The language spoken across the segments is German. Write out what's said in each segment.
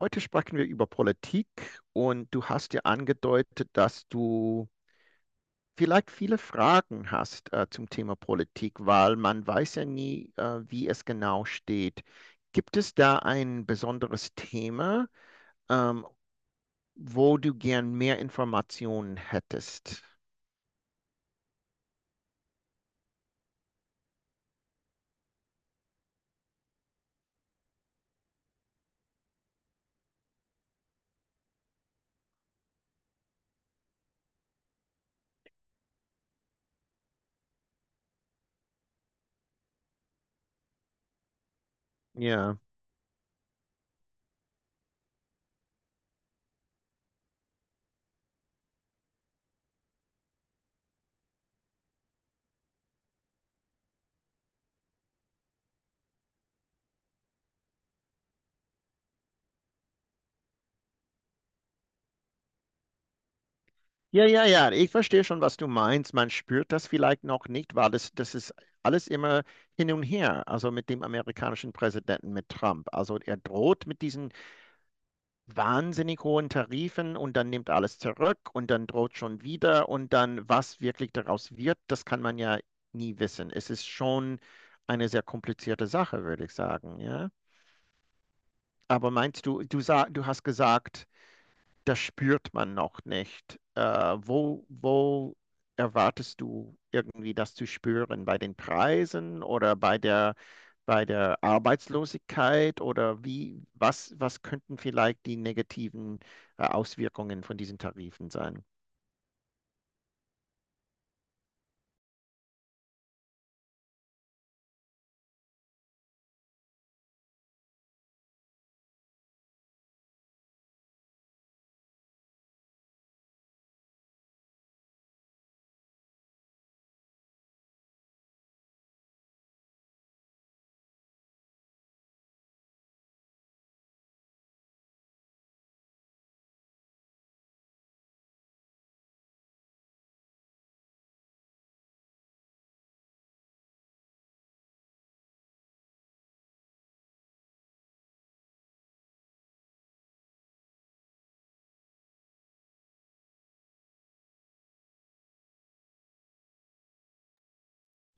Heute sprechen wir über Politik und du hast ja angedeutet, dass du vielleicht viele Fragen hast zum Thema Politik, weil man weiß ja nie, wie es genau steht. Gibt es da ein besonderes Thema, ähm, wo du gern mehr Informationen hättest? Ja. Ja, ja, ja, ich verstehe schon, was du meinst. Man spürt das vielleicht noch nicht, weil das ist alles immer hin und her. Also mit dem amerikanischen Präsidenten, mit Trump. Also er droht mit diesen wahnsinnig hohen Tarifen und dann nimmt alles zurück und dann droht schon wieder und dann, was wirklich daraus wird, das kann man ja nie wissen. Es ist schon eine sehr komplizierte Sache, würde ich sagen, ja. Aber meinst du, du, sa du hast gesagt, das spürt man noch nicht. Wo erwartest du irgendwie das zu spüren? Bei den Preisen oder bei bei der Arbeitslosigkeit? Oder wie, was, was könnten vielleicht die negativen Auswirkungen von diesen Tarifen sein?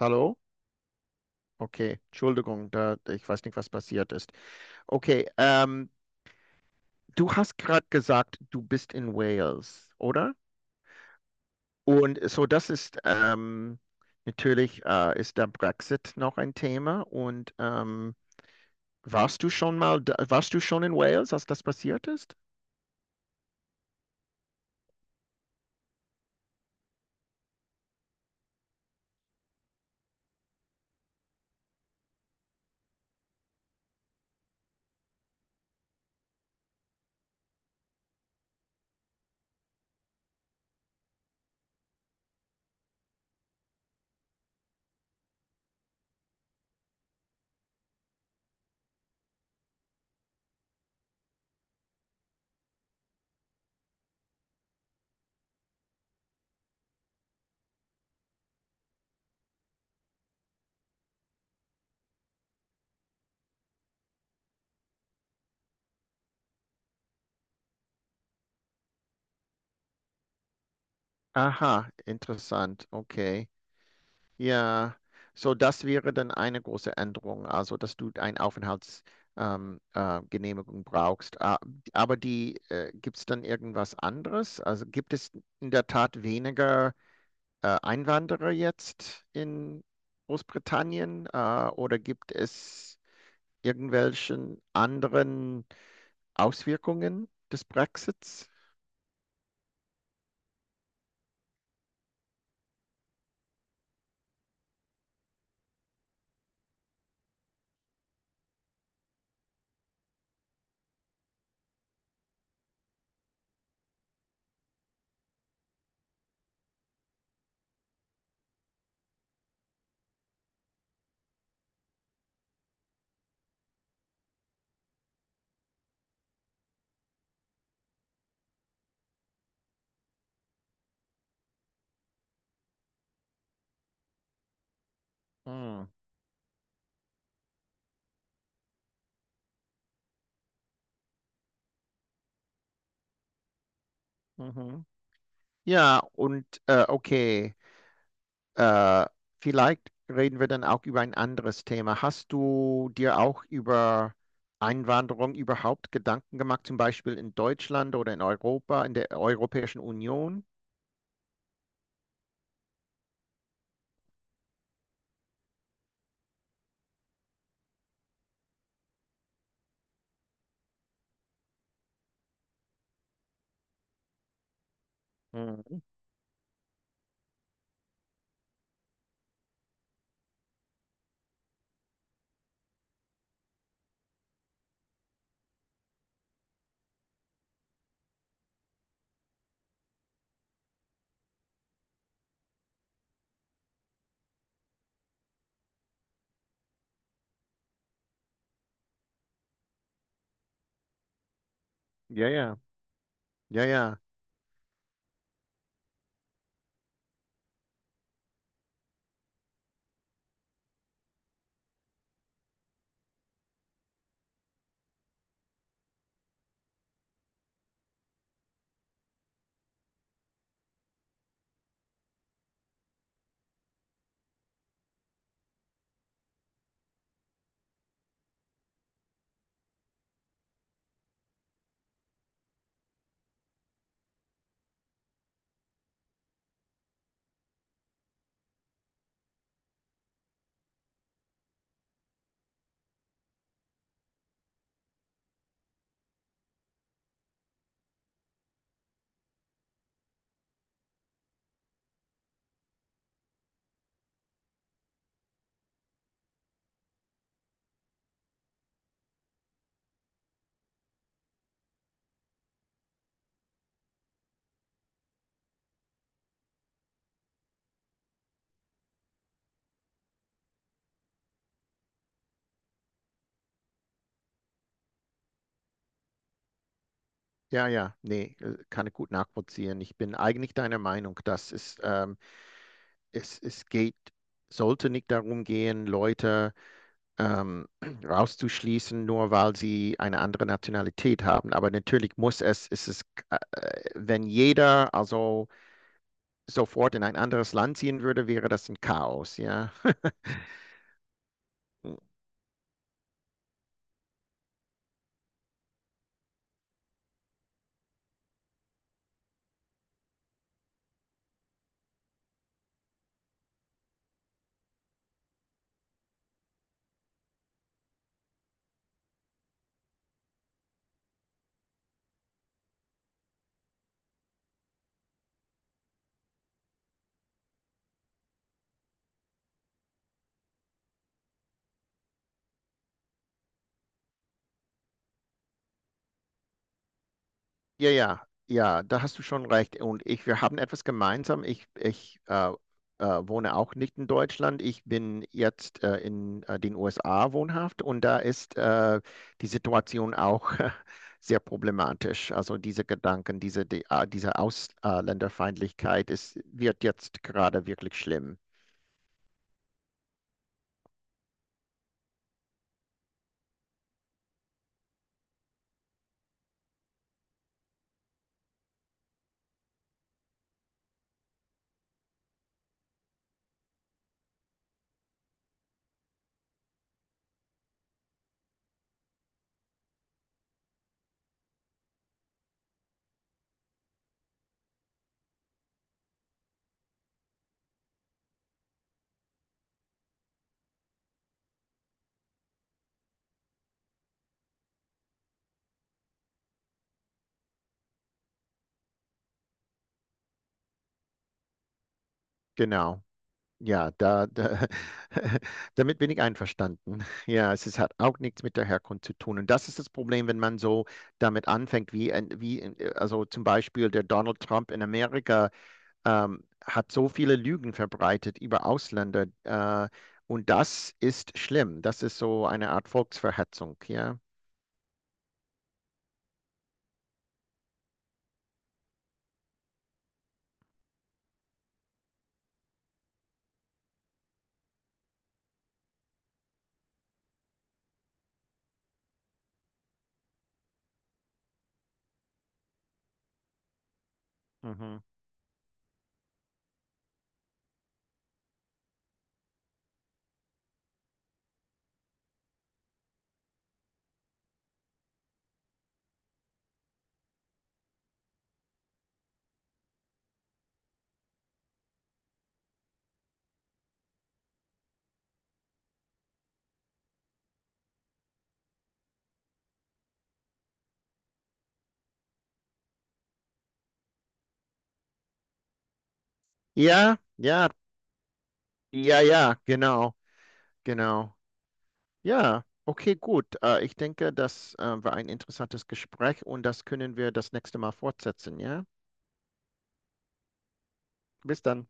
Hallo? Okay, Entschuldigung, da, ich weiß nicht, was passiert ist. Okay, du hast gerade gesagt, du bist in Wales, oder? Und so, das ist natürlich ist der Brexit noch ein Thema. Warst du schon mal, da, warst du schon in Wales, als das passiert ist? Aha, interessant. Okay. Ja, so das wäre dann eine große Änderung, also dass du eine Aufenthaltsgenehmigung Genehmigung brauchst. Ah, aber die gibt es dann irgendwas anderes? Also gibt es in der Tat weniger Einwanderer jetzt in Großbritannien oder gibt es irgendwelchen anderen Auswirkungen des Brexits? Hm. Mhm. Ja, und okay. Äh, Vielleicht reden wir dann auch über ein anderes Thema. Hast du dir auch über Einwanderung überhaupt Gedanken gemacht, zum Beispiel in Deutschland oder in Europa, in der Europäischen Union? Mhm. Ja, ja, ja, ja, ja, ja. Nee, kann ich gut nachvollziehen. Ich bin eigentlich deiner Meinung, dass es, es, es geht, sollte nicht darum gehen, Leute, ähm, rauszuschließen, nur weil sie eine andere Nationalität haben. Aber natürlich muss es, ist es, äh, wenn jeder also sofort in ein anderes Land ziehen würde, wäre das ein Chaos, ja. Ja, ja, ja, da hast du schon recht. Und ich, wir haben etwas gemeinsam. Ich wohne auch nicht in Deutschland. Ich bin jetzt in den USA wohnhaft und da ist die Situation auch sehr problematisch. Also diese Gedanken, diese, die, ah, diese Ausländerfeindlichkeit ist, wird jetzt gerade wirklich schlimm. Genau. Ja, da, da, damit bin ich einverstanden. Ja, es ist, hat auch nichts mit der Herkunft zu tun. Und das ist das Problem, wenn man so damit anfängt, wie, ein- wie also zum Beispiel der Donald Trump in Amerika hat so viele Lügen verbreitet über Ausländer. Und das ist schlimm. Das ist so eine Art Volksverhetzung. Ja, mhm, ja, ja, ja, ja, genau, genau. Ja, okay, gut. Ich denke, das war ein interessantes Gespräch und das können wir das nächste Mal fortsetzen, ja? Bis dann.